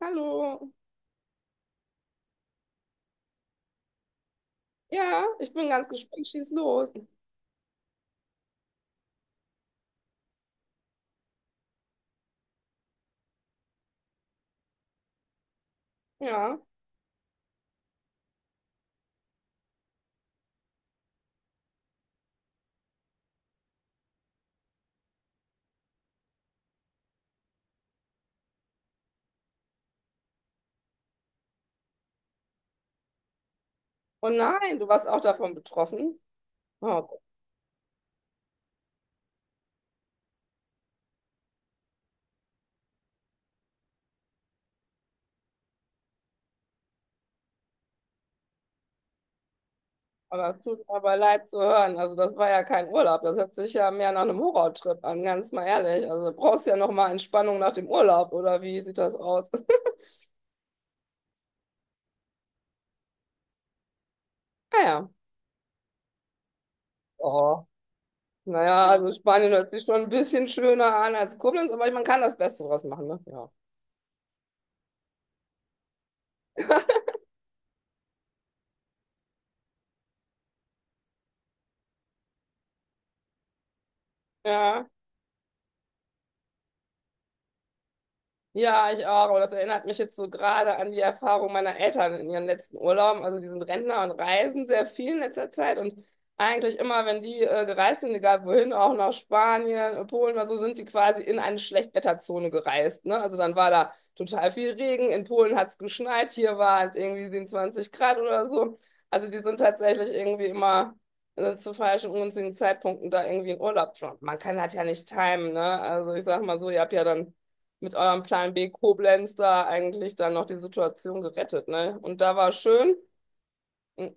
Hallo. Ja, ich bin ganz gespannt. Schieß los. Ja. Oh nein, du warst auch davon betroffen. Oh Gott, aber das tut mir aber leid zu hören. Also das war ja kein Urlaub. Das hört sich ja mehr nach einem Horrortrip an, ganz mal ehrlich. Also du brauchst ja noch mal Entspannung nach dem Urlaub, oder wie sieht das aus? Naja. Oh. Naja, also Spanien hört sich schon ein bisschen schöner an als Koblenz, aber man kann das Beste draus machen, ne? Ja. Ja. Ja, ich auch. Und das erinnert mich jetzt so gerade an die Erfahrung meiner Eltern in ihren letzten Urlauben. Also die sind Rentner und reisen sehr viel in letzter Zeit. Und eigentlich immer, wenn die gereist sind, egal wohin, auch nach Spanien, Polen oder so, sind die quasi in eine Schlechtwetterzone gereist. Ne? Also dann war da total viel Regen. In Polen hat es geschneit. Hier waren irgendwie 27 Grad oder so. Also die sind tatsächlich irgendwie immer zu falschen, ungünstigen Zeitpunkten da irgendwie in Urlaub. Man kann das ja nicht timen. Ne? Also ich sag mal so, ihr habt ja dann mit eurem Plan B Koblenz da eigentlich dann noch die Situation gerettet, ne? Und da war schön. Mm,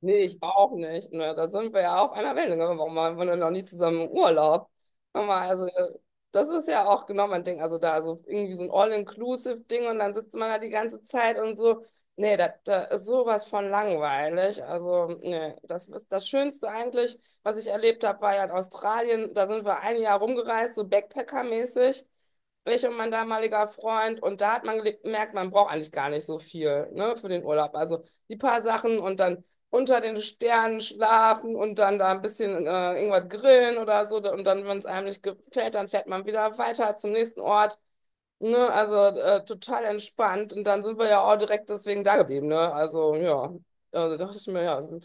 nee, ich auch nicht. Ne? Da sind wir ja auf einer Wellenlänge. Warum waren wir denn noch nie zusammen im Urlaub? Sag mal, also, das ist ja auch genau mein Ding. Also da so irgendwie so ein All-Inclusive-Ding und dann sitzt man da die ganze Zeit und so. Nee, das, das ist sowas von langweilig. Also, nee, das ist das Schönste eigentlich, was ich erlebt habe, war ja in Australien. Da sind wir ein Jahr rumgereist, so Backpacker-mäßig. Ich und mein damaliger Freund. Und da hat man gemerkt, man braucht eigentlich gar nicht so viel, ne, für den Urlaub. Also die paar Sachen und dann unter den Sternen schlafen und dann da ein bisschen irgendwas grillen oder so. Und dann, wenn es einem nicht gefällt, dann fährt man wieder weiter zum nächsten Ort. Ne? Also total entspannt. Und dann sind wir ja auch direkt deswegen da geblieben. Ne? Also ja, also dachte ich mir, ja, also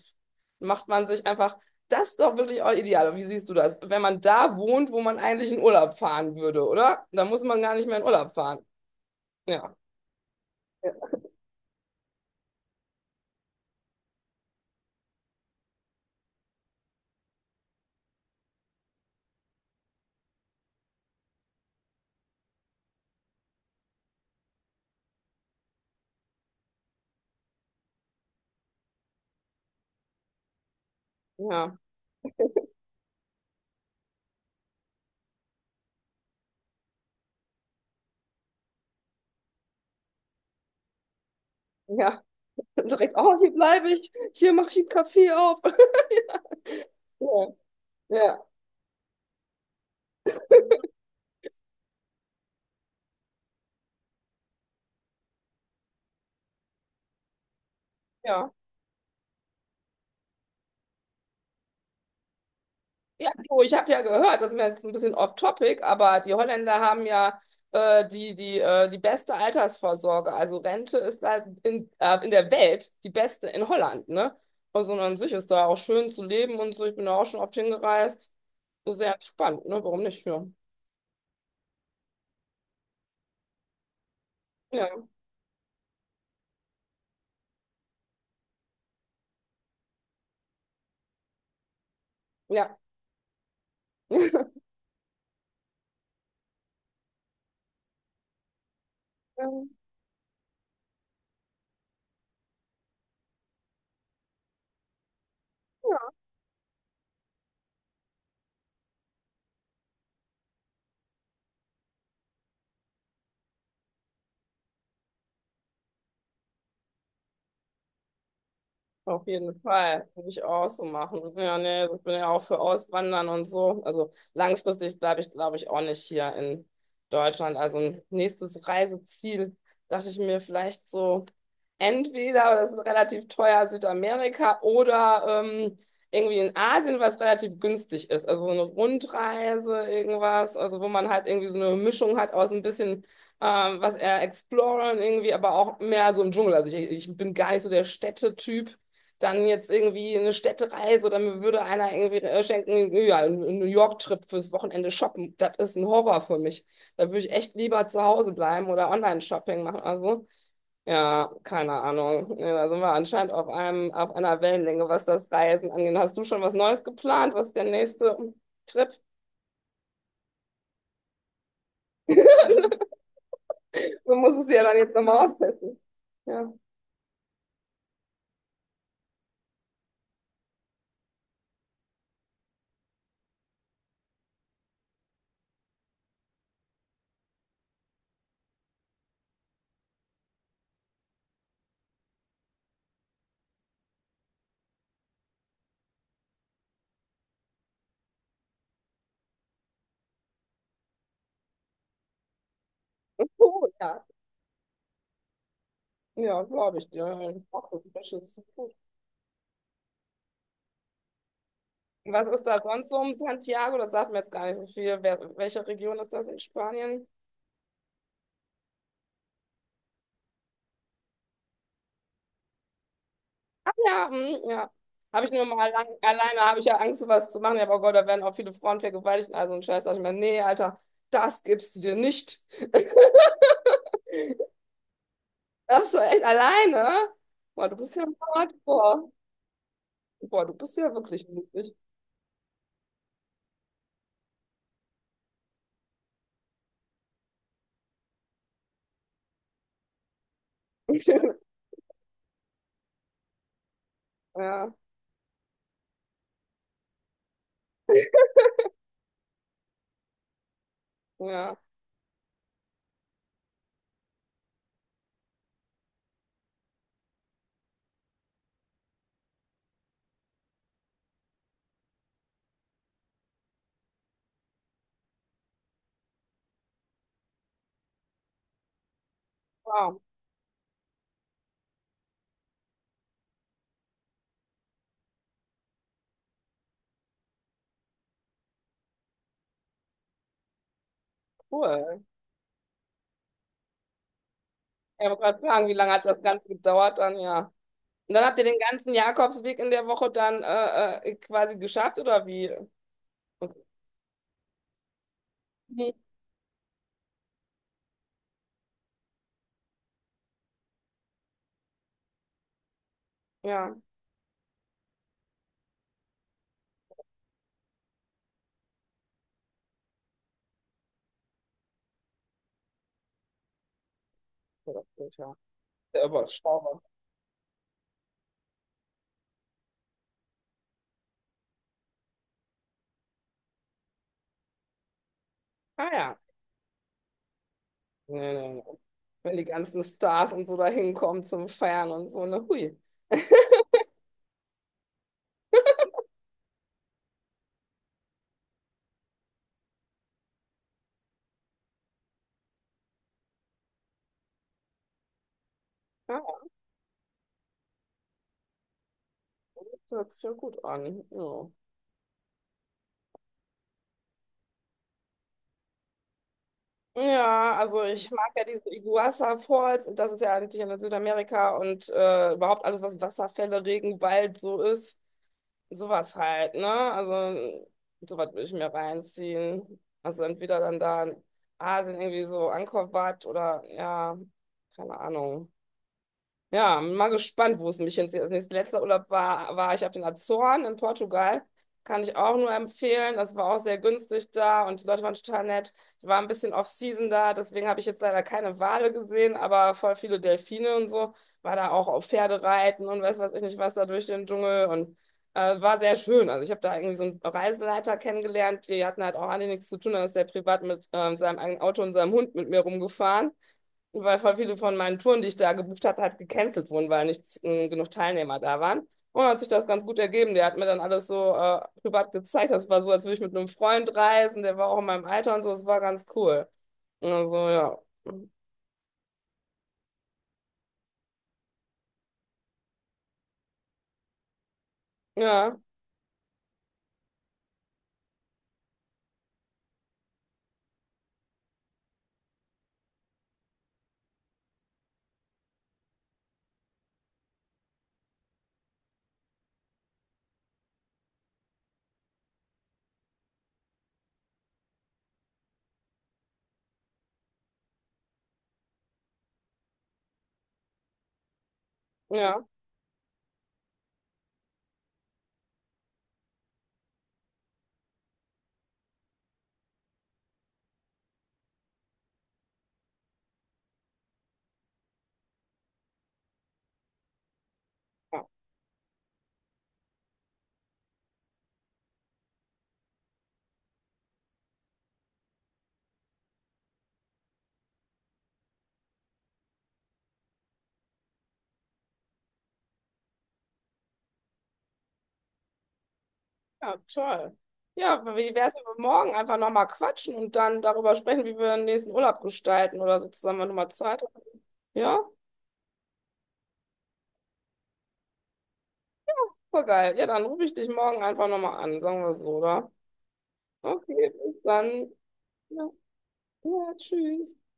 macht man sich einfach. Das ist doch wirklich auch ideal. Wie siehst du das? Wenn man da wohnt, wo man eigentlich in Urlaub fahren würde, oder? Dann muss man gar nicht mehr in Urlaub fahren. Ja, ja, ja. Direkt, oh, hier bleibe ich, hier mache ich einen Kaffee auf. Ja, ja. Ja. Ja, du, ich habe ja gehört, das ist mir jetzt ein bisschen off-topic, aber die Holländer haben ja die beste Altersvorsorge. Also Rente ist da in der Welt die beste in Holland, ne? Also und an sich ist da auch schön zu leben und so. Ich bin da auch schon oft hingereist. So sehr entspannt, ne? Warum nicht? Ja. Ja. Ja. Auf jeden Fall. Würde ich auch so machen. Ja, nee, ich bin ja auch für Auswandern und so. Also langfristig bleibe ich, glaube ich, auch nicht hier in Deutschland. Also ein nächstes Reiseziel dachte ich mir vielleicht so, entweder, aber das ist relativ teuer, Südamerika oder irgendwie in Asien, was relativ günstig ist. Also so eine Rundreise, irgendwas, also wo man halt irgendwie so eine Mischung hat aus ein bisschen was eher exploren irgendwie, aber auch mehr so im Dschungel. Also ich bin gar nicht so der Städtetyp dann jetzt irgendwie eine Städtereise oder mir würde einer irgendwie schenken, ja, ein New York-Trip fürs Wochenende shoppen. Das ist ein Horror für mich. Da würde ich echt lieber zu Hause bleiben oder Online-Shopping machen. Also, ja, keine Ahnung. Nee, da sind wir anscheinend auf einem, auf einer Wellenlänge, was das Reisen angeht. Hast du schon was Neues geplant? Was ist der nächste Trip? Du musst es ja dann jetzt nochmal austesten. Ja. Oh, ja. Ja, glaube ich dir. Ja, ich hoffe, das ist cool. Was ist da sonst so um Santiago? Das sagt mir jetzt gar nicht so viel. Wer, welche Region ist das in Spanien? Ach ja, hm, ja. Habe ich nur mal lang, alleine, habe ich ja Angst, sowas zu machen. Ja, aber Gott, da werden auch viele Frauen vergewaltigt. Also ein Scheiß, sag ich mir, nee, Alter, das gibst du dir nicht. Ach so, echt alleine? Boah, du bist ja hardcore. Boah, du bist ja wirklich mutig. Ja, ja. Wow, cool. Ja, ich wollte gerade fragen, wie lange hat das Ganze gedauert dann? Ja. Und dann habt ihr den ganzen Jakobsweg in der Woche dann quasi geschafft, oder wie? Und, mhm. Ja, ja, das geht ja. Sehr überschaubar. Ah ja. Nee, nee, nee. Wenn die ganzen Stars und so da hinkommen zum Feiern und so, ne, hui. Ja, das hört sich ja gut an. Ja. Ja, also ich mag ja diese Iguazu Falls und das ist ja eigentlich in Südamerika und überhaupt alles, was Wasserfälle, Regenwald so ist. Sowas halt, ne? Also, sowas würde ich mir reinziehen. Also, entweder dann da in Asien irgendwie so Angkor Wat oder, ja, keine Ahnung. Ja, bin mal gespannt, wo es mich hinzieht. Das nächste letzte Urlaub war, ich auf den Azoren in Portugal. Kann ich auch nur empfehlen. Das war auch sehr günstig da und die Leute waren total nett. Ich war ein bisschen off-season da, deswegen habe ich jetzt leider keine Wale gesehen, aber voll viele Delfine und so. War da auch auf Pferdereiten und weiß was ich nicht was da durch den Dschungel und war sehr schön. Also ich habe da irgendwie so einen Reiseleiter kennengelernt. Die hatten halt auch alle nichts zu tun. Da ist der privat mit seinem eigenen Auto und seinem Hund mit mir rumgefahren weil voll viele von meinen Touren, die ich da gebucht hatte, halt gecancelt wurden, weil nicht genug Teilnehmer da waren. Und hat sich das ganz gut ergeben. Der hat mir dann alles so privat gezeigt. Das war so, als würde ich mit einem Freund reisen. Der war auch in meinem Alter und so. Es war ganz cool. Also, ja. Ja, ja. Ja, ja, toll. Ja, wie wäre es, wenn wir morgen einfach nochmal quatschen und dann darüber sprechen, wie wir den nächsten Urlaub gestalten oder so zusammen, wenn du mal Zeit hast? Ja, voll geil. Ja, dann rufe ich dich morgen einfach nochmal an, sagen wir so, oder? Okay, bis dann. Ja. Ja, tschüss.